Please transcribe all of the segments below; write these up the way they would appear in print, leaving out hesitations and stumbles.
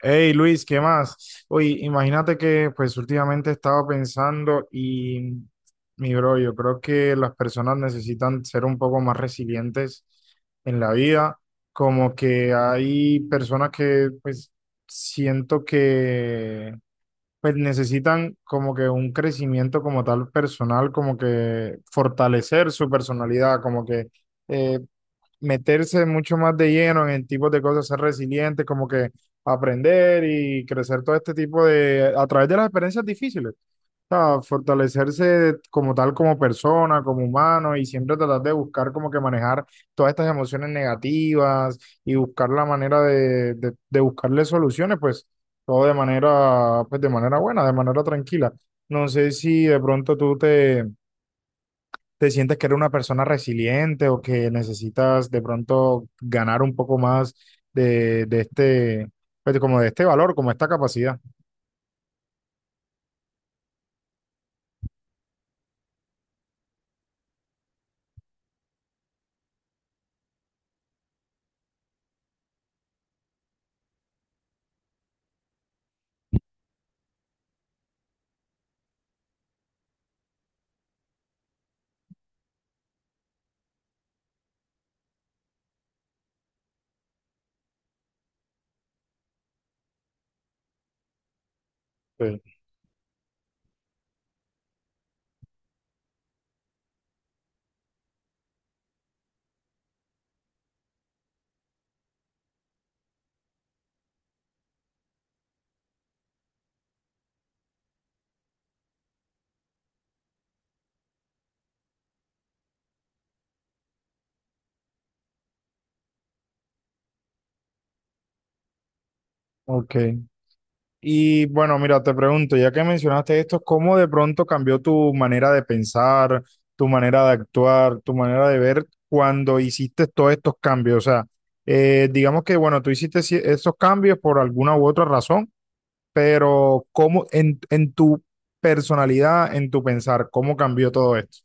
Hey Luis, ¿qué más? Oye, imagínate que pues últimamente estaba pensando y mi bro, yo creo que las personas necesitan ser un poco más resilientes en la vida, como que hay personas que pues siento que pues necesitan como que un crecimiento como tal personal, como que fortalecer su personalidad, como que eh, meterse mucho más de lleno en tipos de cosas, ser resilientes como que aprender y crecer todo este tipo de, a través de las experiencias difíciles, o sea, fortalecerse como tal, como persona, como humano y siempre tratar de buscar como que manejar todas estas emociones negativas y buscar la manera de buscarle soluciones, pues todo de manera, pues de manera buena, de manera tranquila. No sé si de pronto tú te ¿te sientes que eres una persona resiliente o que necesitas de pronto ganar un poco más de este, pues, como de este valor, como esta capacidad? Sí. Ok. Y bueno, mira, te pregunto, ya que mencionaste esto, ¿cómo de pronto cambió tu manera de pensar, tu manera de actuar, tu manera de ver cuando hiciste todos estos cambios? O sea, digamos que, bueno, tú hiciste esos cambios por alguna u otra razón pero ¿cómo en tu personalidad, en tu pensar, cómo cambió todo esto?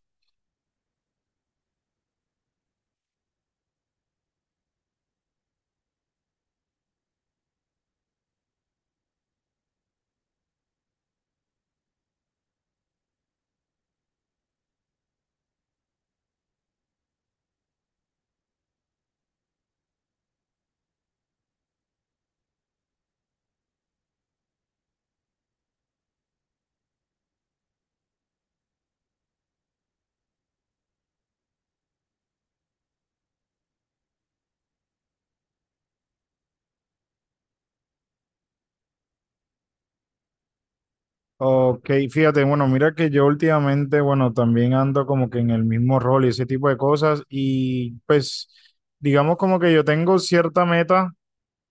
Ok, fíjate, bueno, mira que yo últimamente, bueno, también ando como que en el mismo rol y ese tipo de cosas y pues digamos como que yo tengo cierta meta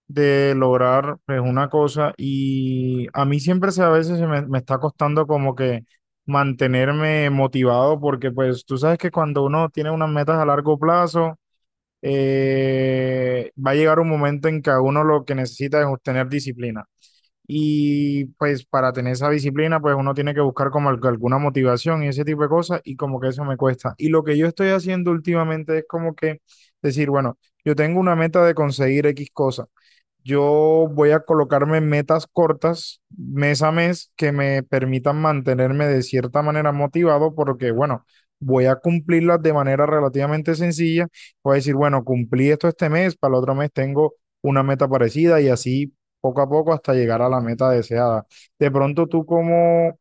de lograr pues una cosa y a mí siempre se, a veces se me, me está costando como que mantenerme motivado porque pues tú sabes que cuando uno tiene unas metas a largo plazo, va a llegar un momento en que a uno lo que necesita es tener disciplina. Y pues para tener esa disciplina, pues uno tiene que buscar como alguna motivación y ese tipo de cosas y como que eso me cuesta. Y lo que yo estoy haciendo últimamente es como que decir, bueno, yo tengo una meta de conseguir X cosa. Yo voy a colocarme metas cortas mes a mes que me permitan mantenerme de cierta manera motivado porque, bueno, voy a cumplirlas de manera relativamente sencilla. Voy a decir, bueno, cumplí esto este mes, para el otro mes tengo una meta parecida y así poco a poco hasta llegar a la meta deseada. De pronto tú cómo,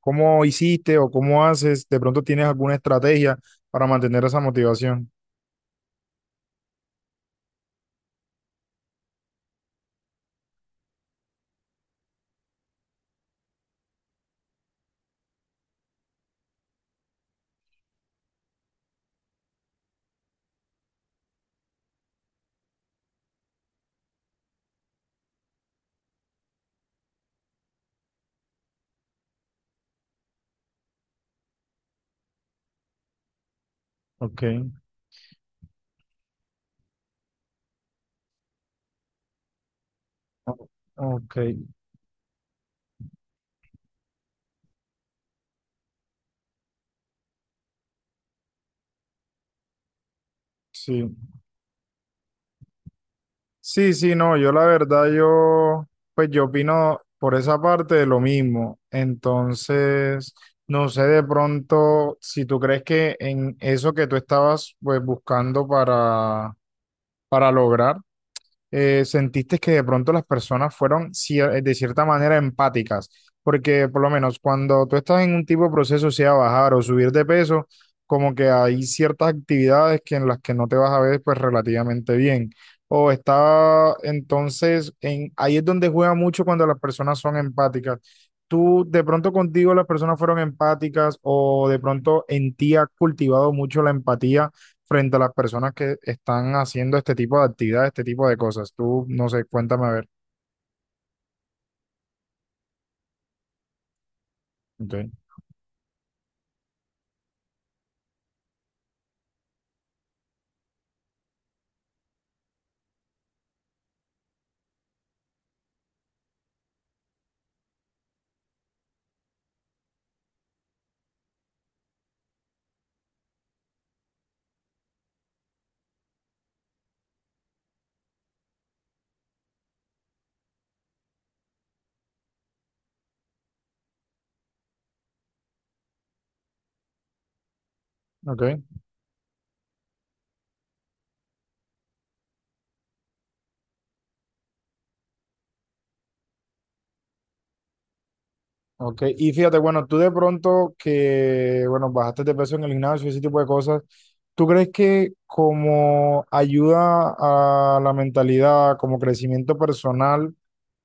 cómo hiciste o cómo haces, de pronto tienes alguna estrategia para mantener esa motivación. Ok, o- ok, sí. Sí, sí, no, yo la verdad, yo, pues yo opino por esa parte de lo mismo. Entonces, no sé de pronto si tú crees que en eso que tú estabas pues buscando para lograr sentiste que de pronto las personas fueron de cierta manera empáticas, porque por lo menos cuando tú estás en un tipo de proceso, sea bajar o subir de peso, como que hay ciertas actividades que en las que no te vas a ver pues relativamente bien. O está entonces, en, ahí es donde juega mucho cuando las personas son empáticas. ¿Tú de pronto contigo las personas fueron empáticas o de pronto en ti has cultivado mucho la empatía? Frente a las personas que están haciendo este tipo de actividades, este tipo de cosas. Tú, no sé, cuéntame a ver. Ok, ok. Ok, y fíjate, bueno, tú de pronto que, bueno, bajaste de peso en el gimnasio, ese tipo de cosas, ¿tú crees que como ayuda a la mentalidad, como crecimiento personal,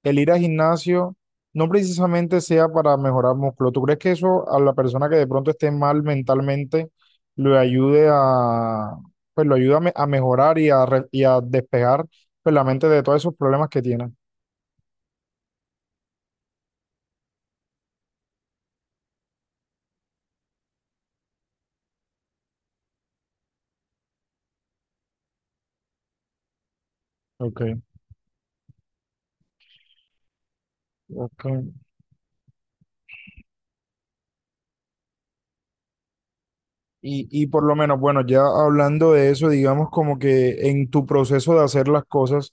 el ir al gimnasio no precisamente sea para mejorar músculo? ¿Tú crees que eso a la persona que de pronto esté mal mentalmente le ayude a, pues lo ayuda a, a mejorar y a, y a despegar, pues, la mente de todos esos problemas que tiene? Ok, ok. Y por lo menos, bueno, ya hablando de eso, digamos como que en tu proceso de hacer las cosas,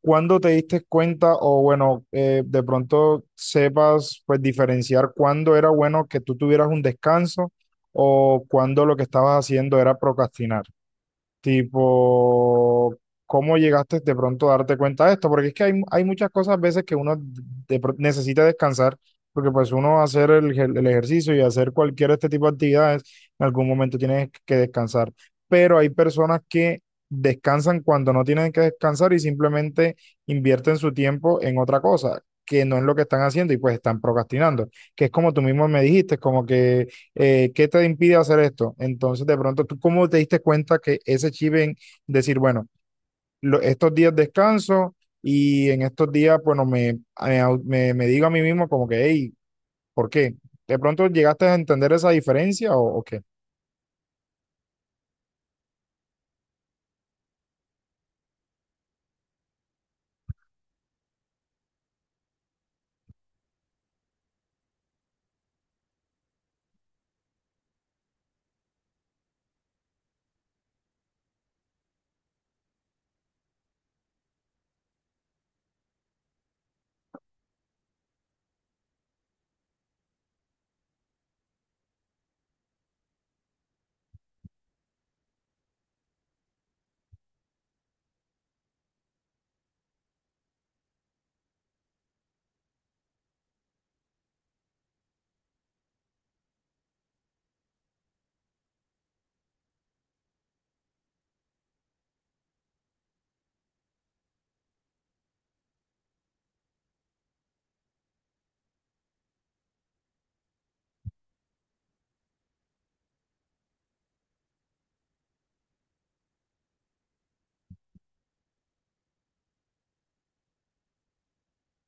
¿cuándo te diste cuenta o bueno, de pronto sepas pues diferenciar cuándo era bueno que tú tuvieras un descanso o cuándo lo que estabas haciendo era procrastinar? Tipo, ¿cómo llegaste de pronto a darte cuenta de esto? Porque es que hay muchas cosas a veces que uno necesita descansar, porque pues uno hacer el ejercicio y hacer cualquier este tipo de actividades, en algún momento tienes que descansar. Pero hay personas que descansan cuando no tienen que descansar y simplemente invierten su tiempo en otra cosa, que no es lo que están haciendo y pues están procrastinando, que es como tú mismo me dijiste, como que ¿qué te impide hacer esto? Entonces, de pronto, ¿tú cómo te diste cuenta que ese chip en decir, bueno, estos días descanso y en estos días, bueno, me, me digo a mí mismo como que, hey, ¿por qué? ¿De pronto llegaste a entender esa diferencia o qué?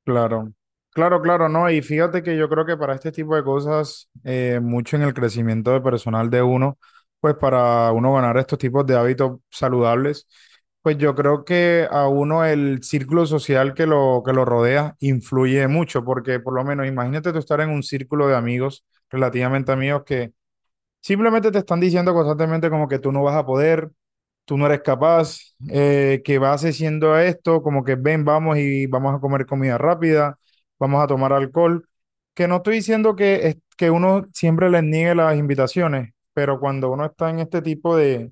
Claro, claro, claro, no. Y fíjate que yo creo que para este tipo de cosas, mucho en el crecimiento de personal de uno, pues para uno ganar estos tipos de hábitos saludables, pues yo creo que a uno el círculo social que lo rodea influye mucho, porque por lo menos imagínate tú estar en un círculo de amigos relativamente amigos que simplemente te están diciendo constantemente como que tú no vas a poder, tú no eres capaz, que vas haciendo esto, como que ven, vamos y vamos a comer comida rápida, vamos a tomar alcohol. Que no estoy diciendo que, que uno siempre les niegue las invitaciones, pero cuando uno está en este tipo de,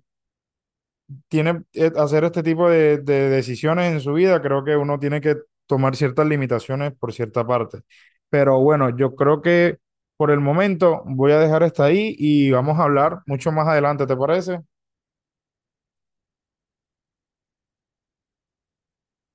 tiene hacer este tipo de decisiones en su vida, creo que uno tiene que tomar ciertas limitaciones por cierta parte. Pero bueno, yo creo que por el momento voy a dejar hasta ahí y vamos a hablar mucho más adelante, ¿te parece?